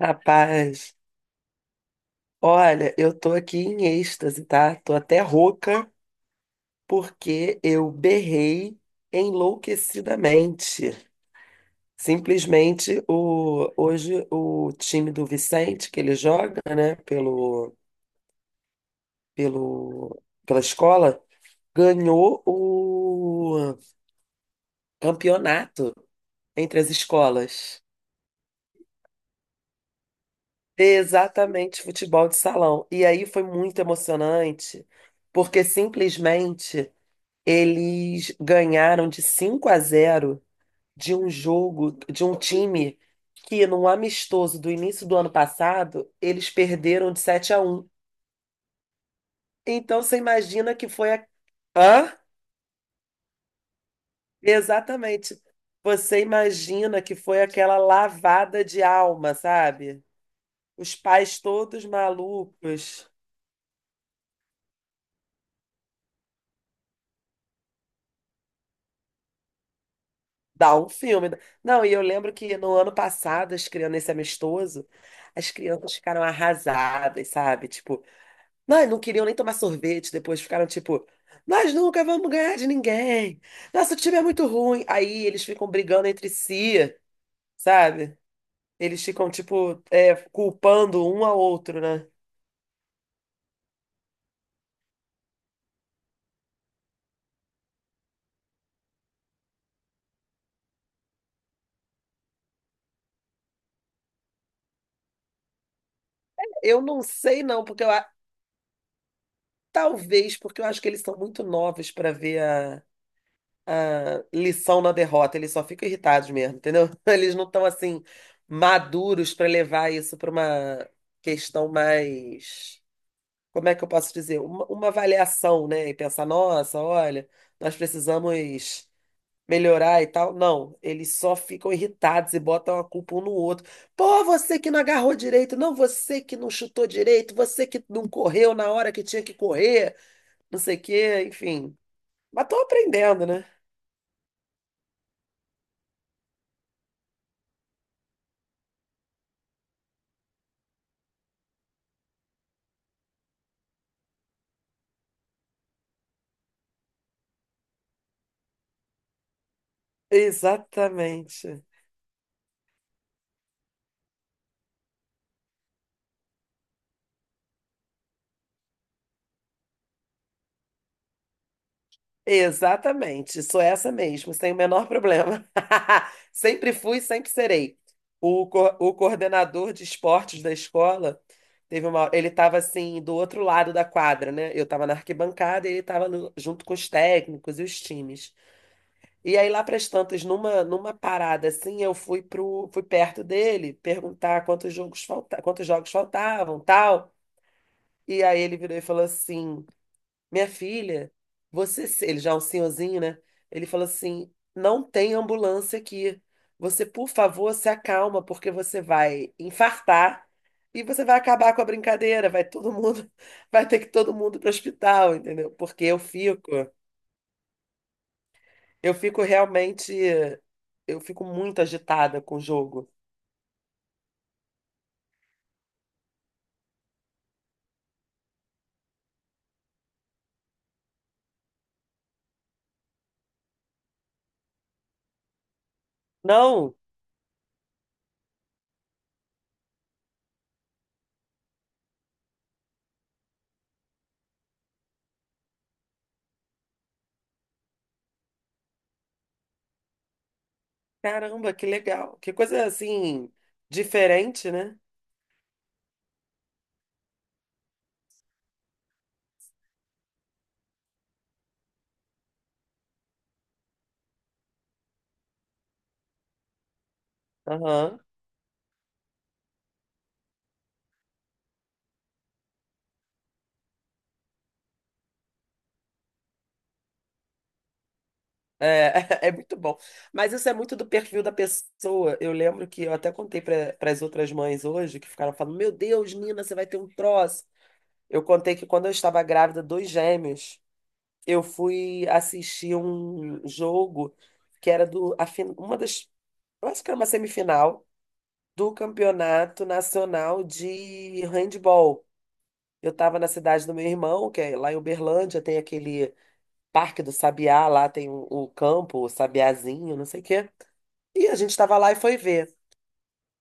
Rapaz, olha, eu tô aqui em êxtase, tá? Tô até rouca porque eu berrei enlouquecidamente. Simplesmente hoje o time do Vicente, que ele joga, né, pelo, pela escola, ganhou o campeonato entre as escolas. Exatamente, futebol de salão. E aí foi muito emocionante, porque simplesmente. Eles ganharam de 5-0 de um jogo, de um time que, num amistoso do início do ano passado, eles perderam de 7-1. Então você imagina que foi. Hã? Exatamente. Você imagina que foi aquela lavada de alma, sabe? Os pais todos malucos. Dá um filme. Não, e eu lembro que no ano passado, as crianças, nesse amistoso, as crianças ficaram arrasadas, sabe? Tipo, nós não queriam nem tomar sorvete depois, ficaram tipo, nós nunca vamos ganhar de ninguém. Nosso time é muito ruim. Aí eles ficam brigando entre si, sabe? Eles ficam, tipo, é, culpando um ao outro, né? Eu não sei, não, porque talvez porque eu acho que eles são muito novos para ver a lição na derrota. Eles só ficam irritados mesmo, entendeu? Eles não estão assim maduros para levar isso para uma questão mais, como é que eu posso dizer? Uma avaliação, né? E pensar, nossa, olha, nós precisamos melhorar e tal. Não, eles só ficam irritados e botam a culpa um no outro. Pô, você que não agarrou direito, não, você que não chutou direito, você que não correu na hora que tinha que correr, não sei o quê, enfim. Mas tô aprendendo, né? Exatamente. Exatamente, sou essa mesmo, sem o menor problema. Sempre fui, sempre serei. O coordenador de esportes da escola teve uma, ele estava assim do outro lado da quadra, né? Eu estava na arquibancada e ele estava junto com os técnicos e os times. E aí lá para as tantas, numa parada assim, eu fui pro fui perto dele perguntar quantos jogos faltavam, tal. E aí ele virou e falou assim: minha filha, você, se- ele já é um senhorzinho, né? Ele falou assim: não tem ambulância aqui. Você, por favor, se acalma, porque você vai infartar e você vai acabar com a brincadeira. Vai todo mundo, vai ter que todo mundo para o hospital, entendeu? Porque eu fico realmente, eu fico muito agitada com o jogo. Não, caramba, que legal, que coisa assim diferente, né? Aham. É, é muito bom. Mas isso é muito do perfil da pessoa. Eu lembro que eu até contei para as outras mães hoje, que ficaram falando: Meu Deus, Nina, você vai ter um troço. Eu contei que quando eu estava grávida dos gêmeos, eu fui assistir um jogo que era do, a fin- uma das, eu acho que era uma semifinal do Campeonato Nacional de Handball. Eu estava na cidade do meu irmão, que é lá em Uberlândia, tem aquele Parque do Sabiá, lá tem o campo, o Sabiazinho, não sei o quê. E a gente estava lá e foi ver.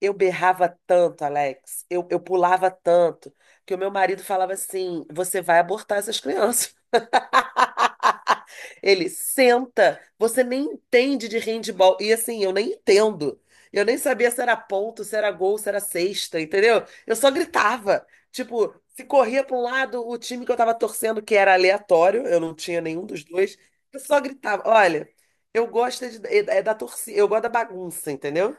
Eu berrava tanto, Alex, eu pulava tanto, que o meu marido falava assim: você vai abortar essas crianças. Ele senta, você nem entende de handball. E assim, eu nem entendo. Eu nem sabia se era ponto, se era gol, se era cesta, entendeu? Eu só gritava. Tipo, se corria para um lado, o time que eu tava torcendo, que era aleatório, eu não tinha nenhum dos dois, eu só gritava. Olha, eu gosto é da torcida, eu gosto da bagunça, entendeu?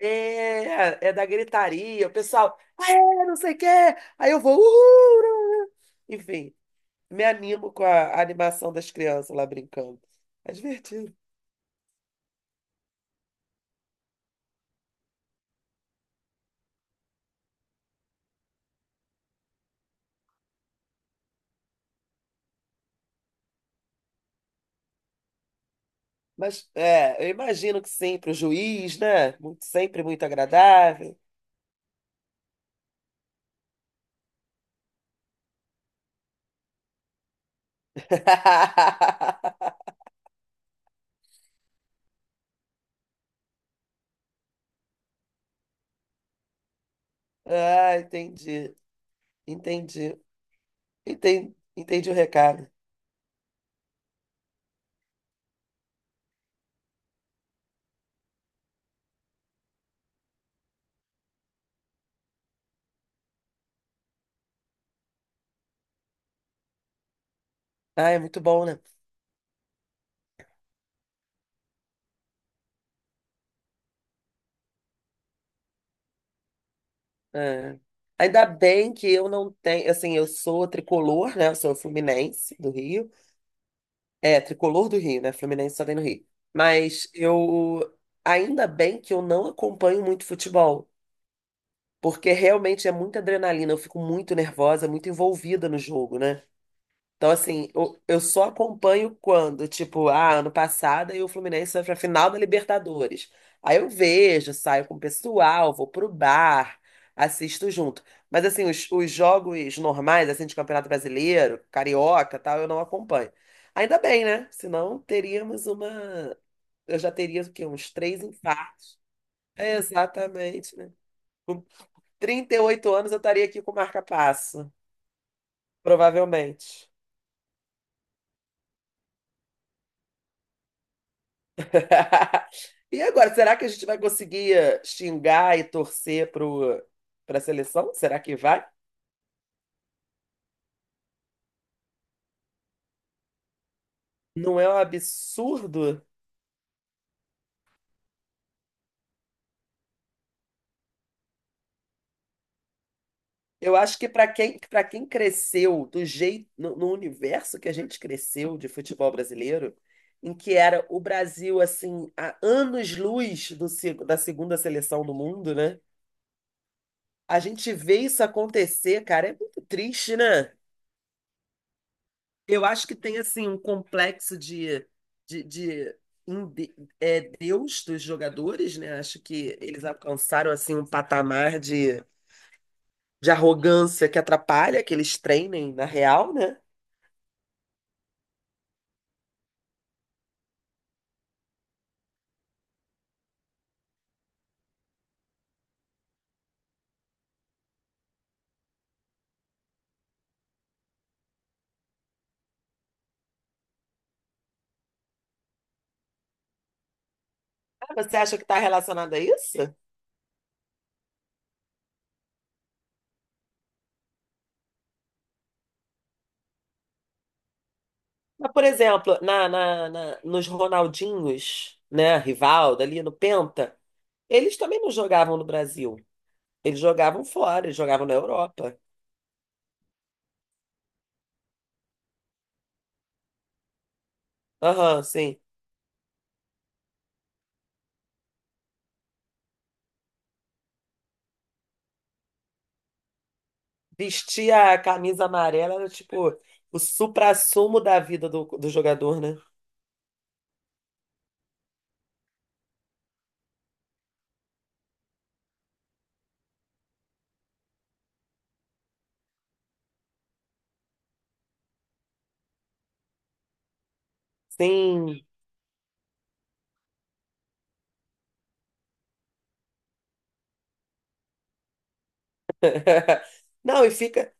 É, é da gritaria, o pessoal, é, não sei o quê. Aí eu vou, uhul! Enfim, me animo com a animação das crianças lá brincando. É divertido. Mas é, eu imagino que sempre o juiz, né? Muito, sempre muito agradável. Ah, entendi. Entendi. Entendi, entendi o recado. Ah, é muito bom, né? É. Ainda bem que eu não tenho, assim, eu sou tricolor, né? Eu sou fluminense do Rio. É, tricolor do Rio, né? Fluminense só tem no Rio. Mas eu. Ainda bem que eu não acompanho muito futebol, porque realmente é muita adrenalina, eu fico muito nervosa, muito envolvida no jogo, né? Então, assim, eu só acompanho quando, tipo, ah, ano passado aí o Fluminense foi pra final da Libertadores. Aí eu vejo, saio com o pessoal, vou pro bar, assisto junto. Mas, assim, os jogos normais, assim, de Campeonato Brasileiro, Carioca, tal, eu não acompanho. Ainda bem, né? Senão teríamos uma... Eu já teria, o quê? Uns três infartos. É, exatamente, né? Com 38 anos eu estaria aqui com marca-passo, provavelmente. E agora, será que a gente vai conseguir xingar e torcer pro, pra seleção? Será que vai? Não é um absurdo? Eu acho que para quem cresceu do jeito, no universo que a gente cresceu de futebol brasileiro, em que era o Brasil, assim, a anos-luz do se- da segunda seleção do mundo, né? A gente vê isso acontecer, cara, é muito triste, né? Eu acho que tem assim um complexo de, de, é, Deus dos jogadores, né? Acho que eles alcançaram assim um patamar de arrogância que atrapalha que eles treinem na real, né? Ah, você acha que está relacionado a isso? Mas, por exemplo, nos Ronaldinhos, né? Rivaldo ali no Penta, eles também não jogavam no Brasil. Eles jogavam fora, eles jogavam na Europa. Aham, sim. Vestir a camisa amarela era tipo o suprassumo da vida do jogador, né? Sim. Não, e fica.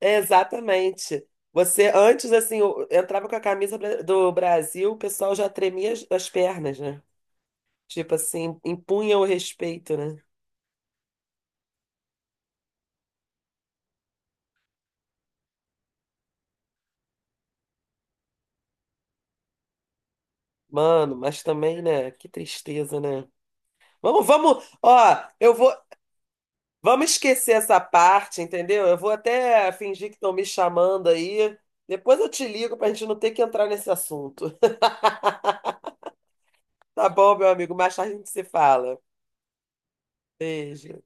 É, exatamente. Você, antes, assim, eu entrava com a camisa bra- do Brasil, o pessoal já tremia as pernas, né? Tipo assim, impunha o respeito, né? Mano, mas também, né? Que tristeza, né? Vamos, vamos. Ó, eu vou, vamos esquecer essa parte, entendeu? Eu vou até fingir que estão me chamando aí. Depois eu te ligo para a gente não ter que entrar nesse assunto. Tá bom, meu amigo? Mais tarde a gente se fala. Beijo.